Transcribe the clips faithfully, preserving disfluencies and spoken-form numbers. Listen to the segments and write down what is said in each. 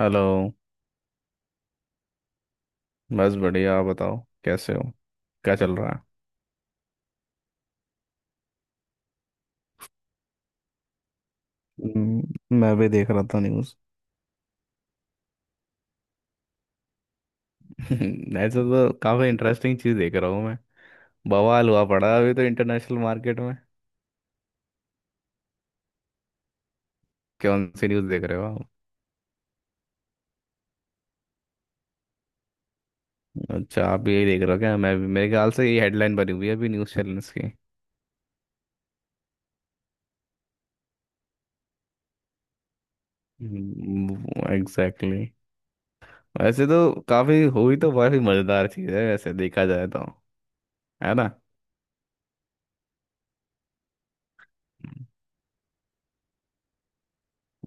Hello. बस बढ़िया, आप बताओ, कैसे हो? क्या चल रहा है? हम्म, मैं भी देख रहा था न्यूज़। ऐसे तो काफ़ी इंटरेस्टिंग चीज़ देख रहा हूँ मैं। बवाल हुआ पड़ा है अभी तो इंटरनेशनल मार्केट में। कौन सी न्यूज़ देख रहे हो आप? अच्छा, आप भी यही देख रहे हो क्या? मैं भी। मेरे ख्याल से ये हेडलाइन बनी हुई है अभी न्यूज़ चैनल्स की। Exactly exactly. वैसे तो काफ़ी हुई तो काफ़ी मज़ेदार चीज़ है, वैसे देखा जाए तो। है ना?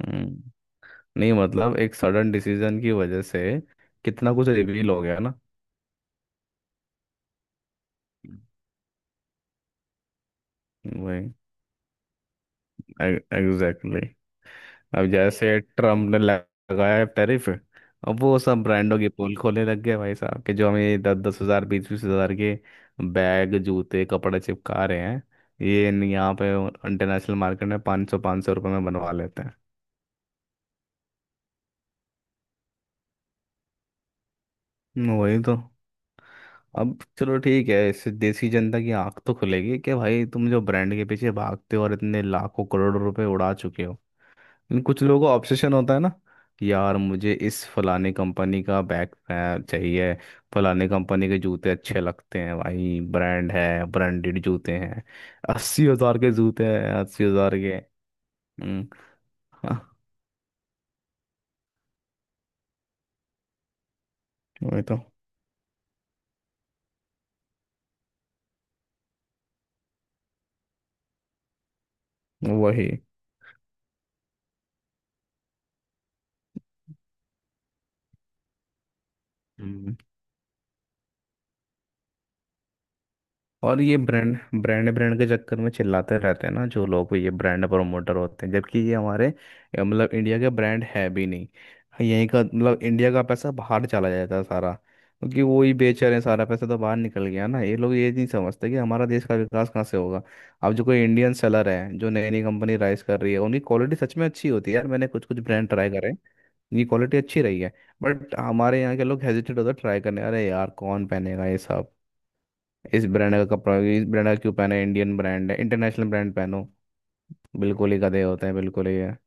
हम्म, नहीं मतलब एक सडन डिसीजन की वजह से कितना कुछ रिवील हो गया ना। वही। एग्जैक्टली। अब जैसे ट्रम्प ने लगाया है टैरिफ, अब वो सब ब्रांडों के पोल खोलने लग गए भाई साहब के, जो हमें दस दस हजार, बीस बीस हजार के बैग, जूते, कपड़े चिपका रहे हैं। ये न- यहाँ पे इंटरनेशनल मार्केट में पाँच सौ पाँच सौ रुपये में बनवा लेते हैं। हम्म, वही तो। अब चलो ठीक है, इससे देसी जनता की आंख तो खुलेगी कि भाई तुम जो ब्रांड के पीछे भागते हो और इतने लाखों करोड़ों रुपए उड़ा चुके हो। लेकिन कुछ लोगों का ऑब्सेशन होता है ना। यार मुझे इस फलाने कंपनी का बैग चाहिए, फलाने कंपनी के जूते अच्छे लगते हैं, भाई ब्रांड है, ब्रांडेड जूते हैं, अस्सी हजार के जूते हैं, अस्सी हजार के। हम्म। हाँ, वही तो। वही। और ये ब्रांड ब्रांड ब्रांड के चक्कर में चिल्लाते रहते हैं ना जो लोग, ये ब्रांड प्रमोटर होते हैं, जबकि ये हमारे अ, मतलब इंडिया का ब्रांड है भी नहीं। यहीं का मतलब, इंडिया का पैसा बाहर चला जाता है सारा, क्योंकि वो ही बेच रहे हैं। सारा पैसा तो बाहर निकल गया ना। ये लोग ये नहीं समझते कि हमारा देश का विकास कहाँ से होगा। अब जो कोई इंडियन सेलर है, जो नई नई कंपनी राइज कर रही है, उनकी क्वालिटी सच में अच्छी होती है यार। मैंने कुछ कुछ ब्रांड ट्राई करे। इनकी क्वालिटी अच्छी रही है। बट हमारे यहाँ के लोग हेजिटेट होते ट्राई करने। अरे यार, कौन पहनेगा ये सब, इस ब्रांड का कपड़ा, इस ब्रांड का क्यों पहना है? इंडियन ब्रांड है, इंटरनेशनल ब्रांड पहनो। बिल्कुल ही गधे होते हैं, बिल्कुल ही है।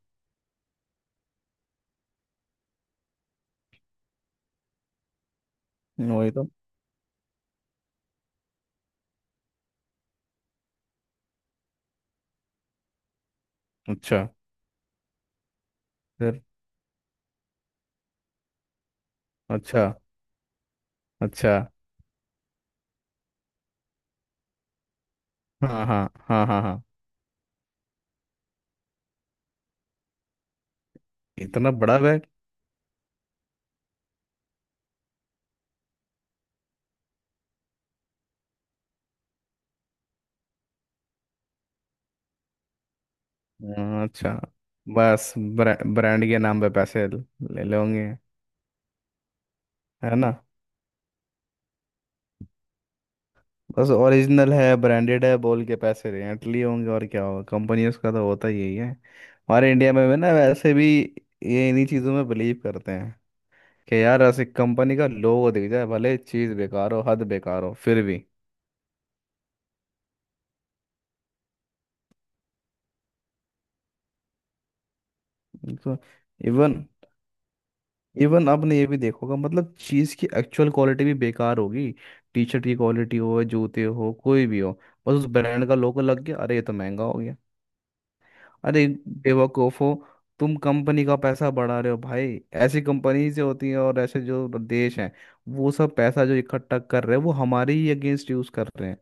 वही तो। अच्छा। फिर? अच्छा, अच्छा। हाँ हाँ, हाँ हाँ हाँ। इतना बड़ा बैग? हाँ, अच्छा। बस ब्रा, ब्रांड के नाम पे पैसे ल- ले लोगे। है ना? बस ओरिजिनल है, ब्रांडेड है बोल के पैसे रेंट लिए होंगे, और क्या होगा? कंपनियों का तो होता ही यही है, हमारे इंडिया में भी ना वैसे भी। ये इन्हीं चीज़ों में बिलीव करते हैं कि यार ऐसी कंपनी का लोगो दिख जाए, भले चीज बेकार हो, हद बेकार हो फिर भी। तो इवन इवन आपने ये भी देखोगा, मतलब चीज की एक्चुअल क्वालिटी भी बेकार होगी। टी शर्ट की क्वालिटी हो, जूते हो, कोई भी हो, बस उस ब्रांड का लोगो लग गया, अरे ये तो महंगा हो गया। अरे बेवकूफो, तुम कंपनी का पैसा बढ़ा रहे हो भाई। ऐसी कंपनीज जो होती हैं और ऐसे जो देश हैं, वो सब पैसा जो इकट्ठा कर रहे हैं वो हमारे ही अगेंस्ट यूज कर रहे हैं।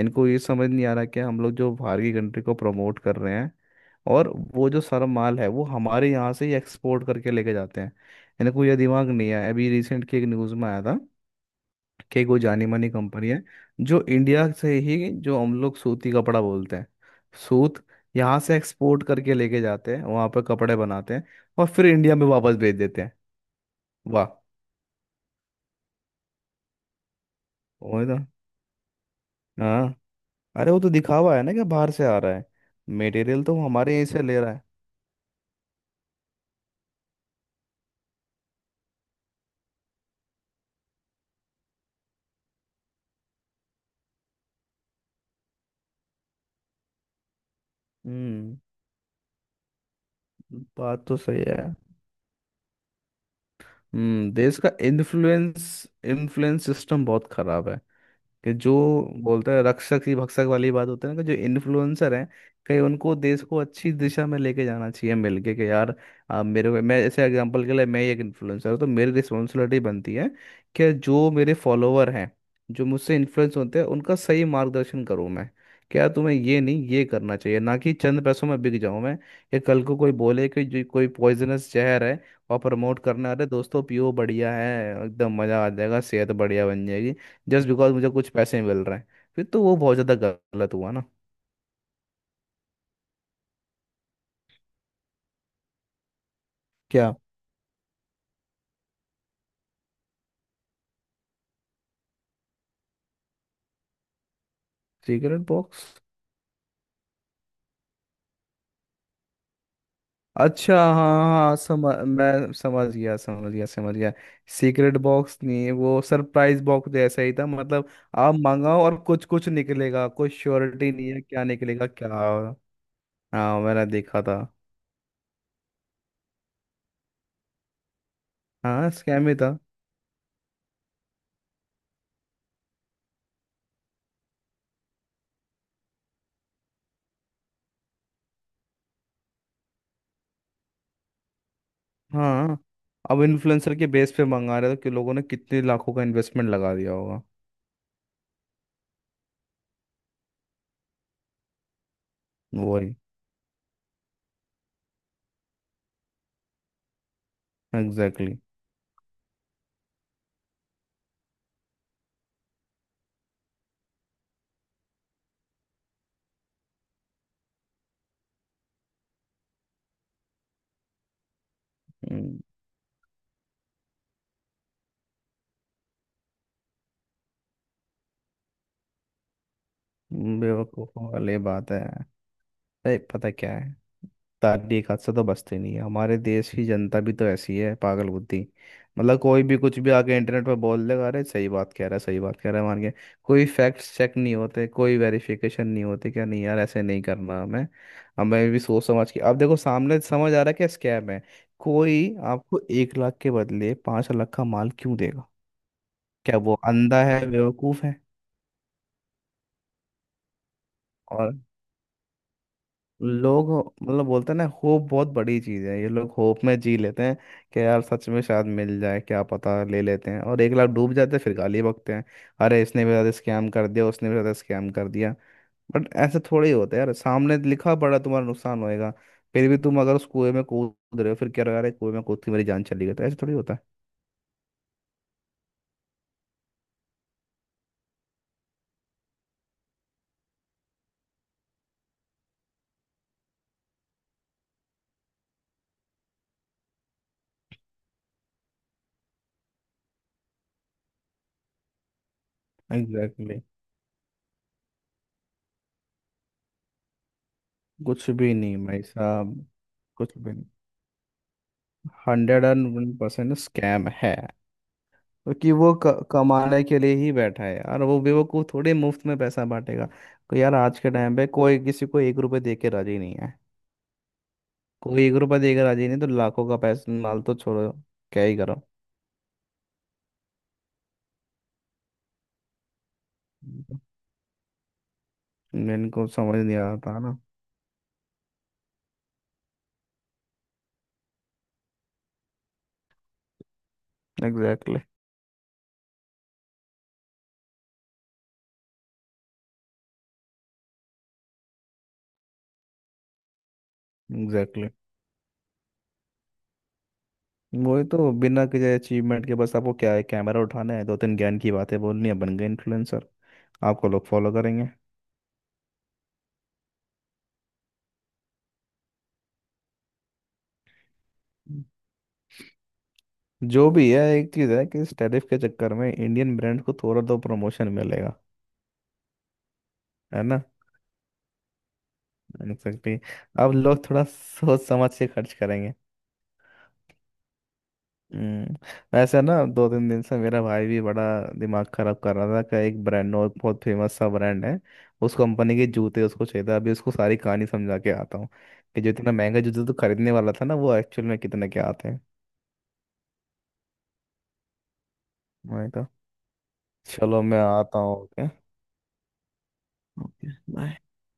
इनको ये समझ नहीं आ रहा कि हम लोग जो बाहर की कंट्री को प्रमोट कर रहे हैं, और वो जो सारा माल है वो हमारे यहाँ से ही एक्सपोर्ट करके लेके जाते हैं। इनको ये दिमाग नहीं है। अभी रिसेंट की एक न्यूज़ में आया था कि एक वो जानी मानी कंपनी है, जो इंडिया से ही, जो हम लोग सूती कपड़ा बोलते हैं, सूत यहाँ से एक्सपोर्ट करके लेके जाते हैं, वहाँ पर कपड़े बनाते हैं और फिर इंडिया में वापस भेज देते हैं। वाह। वही तो। हाँ, अरे वो तो दिखावा है ना कि बाहर से आ रहा है, मटेरियल तो वो हमारे यहीं से ले रहा है। हम्म। बात तो सही है। हम्म देश का इन्फ्लुएंस इन्फ्लुएंस सिस्टम बहुत खराब है। कि जो बोलते हैं रक्षक ही भक्षक वाली बात होती है ना, कि जो इन्फ्लुएंसर हैं, कहीं उनको देश को अच्छी दिशा में लेके जाना चाहिए मिलके, कि यार आप मेरे को, मैं ऐसे एग्जांपल के लिए, मैं ही एक इन्फ्लुएंसर हूँ तो मेरी रिस्पॉन्सिबिलिटी बनती है कि जो मेरे फॉलोअर हैं, जो मुझसे इन्फ्लुएंस होते हैं, उनका सही मार्गदर्शन करूँ मैं। क्या तुम्हें ये नहीं, ये करना चाहिए ना कि चंद पैसों में बिक जाऊं मैं? या कल को कोई बोले कि जो कोई पॉइजनस जहर है, और प्रमोट करना, अरे दोस्तों पियो, बढ़िया है, एकदम मज़ा आ जाएगा, सेहत बढ़िया बन जाएगी, जस्ट बिकॉज मुझे कुछ पैसे मिल रहे हैं, फिर तो वो बहुत ज़्यादा गलत हुआ ना। क्या? Cigarette box? अच्छा, हाँ हाँ, समझ मैं समझ गया, समझ गया, समझ गया। सीक्रेट बॉक्स नहीं, वो सरप्राइज बॉक्स जैसा ही था मतलब। आप मंगाओ और कुछ कुछ निकलेगा, कोई श्योरिटी नहीं है क्या निकलेगा, क्या। हाँ, मैंने देखा था। हाँ, स्कैम ही था। हाँ, अब इन्फ्लुएंसर के बेस पे मंगा रहे थे कि लोगों ने कितने लाखों का इन्वेस्टमेंट लगा दिया होगा। वही। एग्जैक्टली। बेवकूफ़ों वाली बात है। अरे पता क्या है, तारीख हाथ से तो बचती नहीं है। हमारे देश की जनता भी तो ऐसी है, पागल बुद्धि। मतलब कोई भी कुछ भी आके इंटरनेट पर बोल देगा, अरे सही बात कह रहा है, सही बात कह रहा है मान के। कोई फैक्ट्स चेक नहीं होते, कोई वेरिफिकेशन नहीं होते, क्या नहीं यार, ऐसे नहीं करना हमें हमें भी सोच समझ के, अब देखो सामने समझ आ रहा है क्या स्कैम है। कोई आपको एक लाख के बदले पाँच लाख का माल क्यों देगा? क्या वो अंधा है, बेवकूफ़ है? और लोग मतलब बोलते हैं ना, होप बहुत बड़ी चीज है, ये लोग होप में जी लेते हैं। कि यार सच में शायद मिल जाए, क्या पता, ले लेते हैं और एक लाख डूब जाते हैं, फिर गाली बकते हैं। अरे इसने भी ज्यादा स्कैम कर दिया, उसने भी ज्यादा स्कैम कर दिया। बट ऐसे थोड़े ही होता है यार, सामने लिखा पड़ा तुम्हारा नुकसान होएगा, फिर भी तुम अगर उस कुएं में कूद रहे हो, फिर क्या रहा, अरे कुएं में कूद के मेरी जान चली गई, तो ऐसे थोड़ी होता है। Exactly exactly. कुछ भी नहीं भाई साहब, कुछ भी नहीं, hundred and one percent scam है। क्योंकि वो क, कमाने के लिए ही बैठा है यार, वो बेवकूफ थोड़े मुफ्त में पैसा बांटेगा। को यार आज के टाइम पे कोई किसी को एक रुपए दे के राजी नहीं है, कोई एक रुपए दे के राजी नहीं तो लाखों का पैसा माल तो छोड़ो, क्या ही करो। हम्म। इनको समझ नहीं आ रहा था ना। Exactly, exactly. वही तो, बिना किसी अचीवमेंट के, बस आपको क्या है, कैमरा उठाना है, दो तीन ज्ञान की बातें बोलनी है, बन गए इन्फ्लुएंसर, आपको लोग फॉलो करेंगे। हम्म। जो भी है, एक चीज है कि इस टैरिफ के चक्कर में इंडियन ब्रांड को थोड़ा तो प्रमोशन मिलेगा। है ना? एग्जैक्टली। अब लोग थोड़ा सोच समझ के खर्च करेंगे। हम्म, वैसे ना दो तीन दिन से मेरा भाई भी बड़ा दिमाग खराब कर रहा था कि एक ब्रांड, और बहुत फेमस सा ब्रांड है। उस कंपनी के जूते उसको चाहिए था, अभी उसको सारी कहानी समझा के आता हूँ कि जो इतना महंगा जूते तो खरीदने वाला था ना, वो एक्चुअल में कितने के आते हैं। मैं कहा, चलो मैं आता हूँ okay?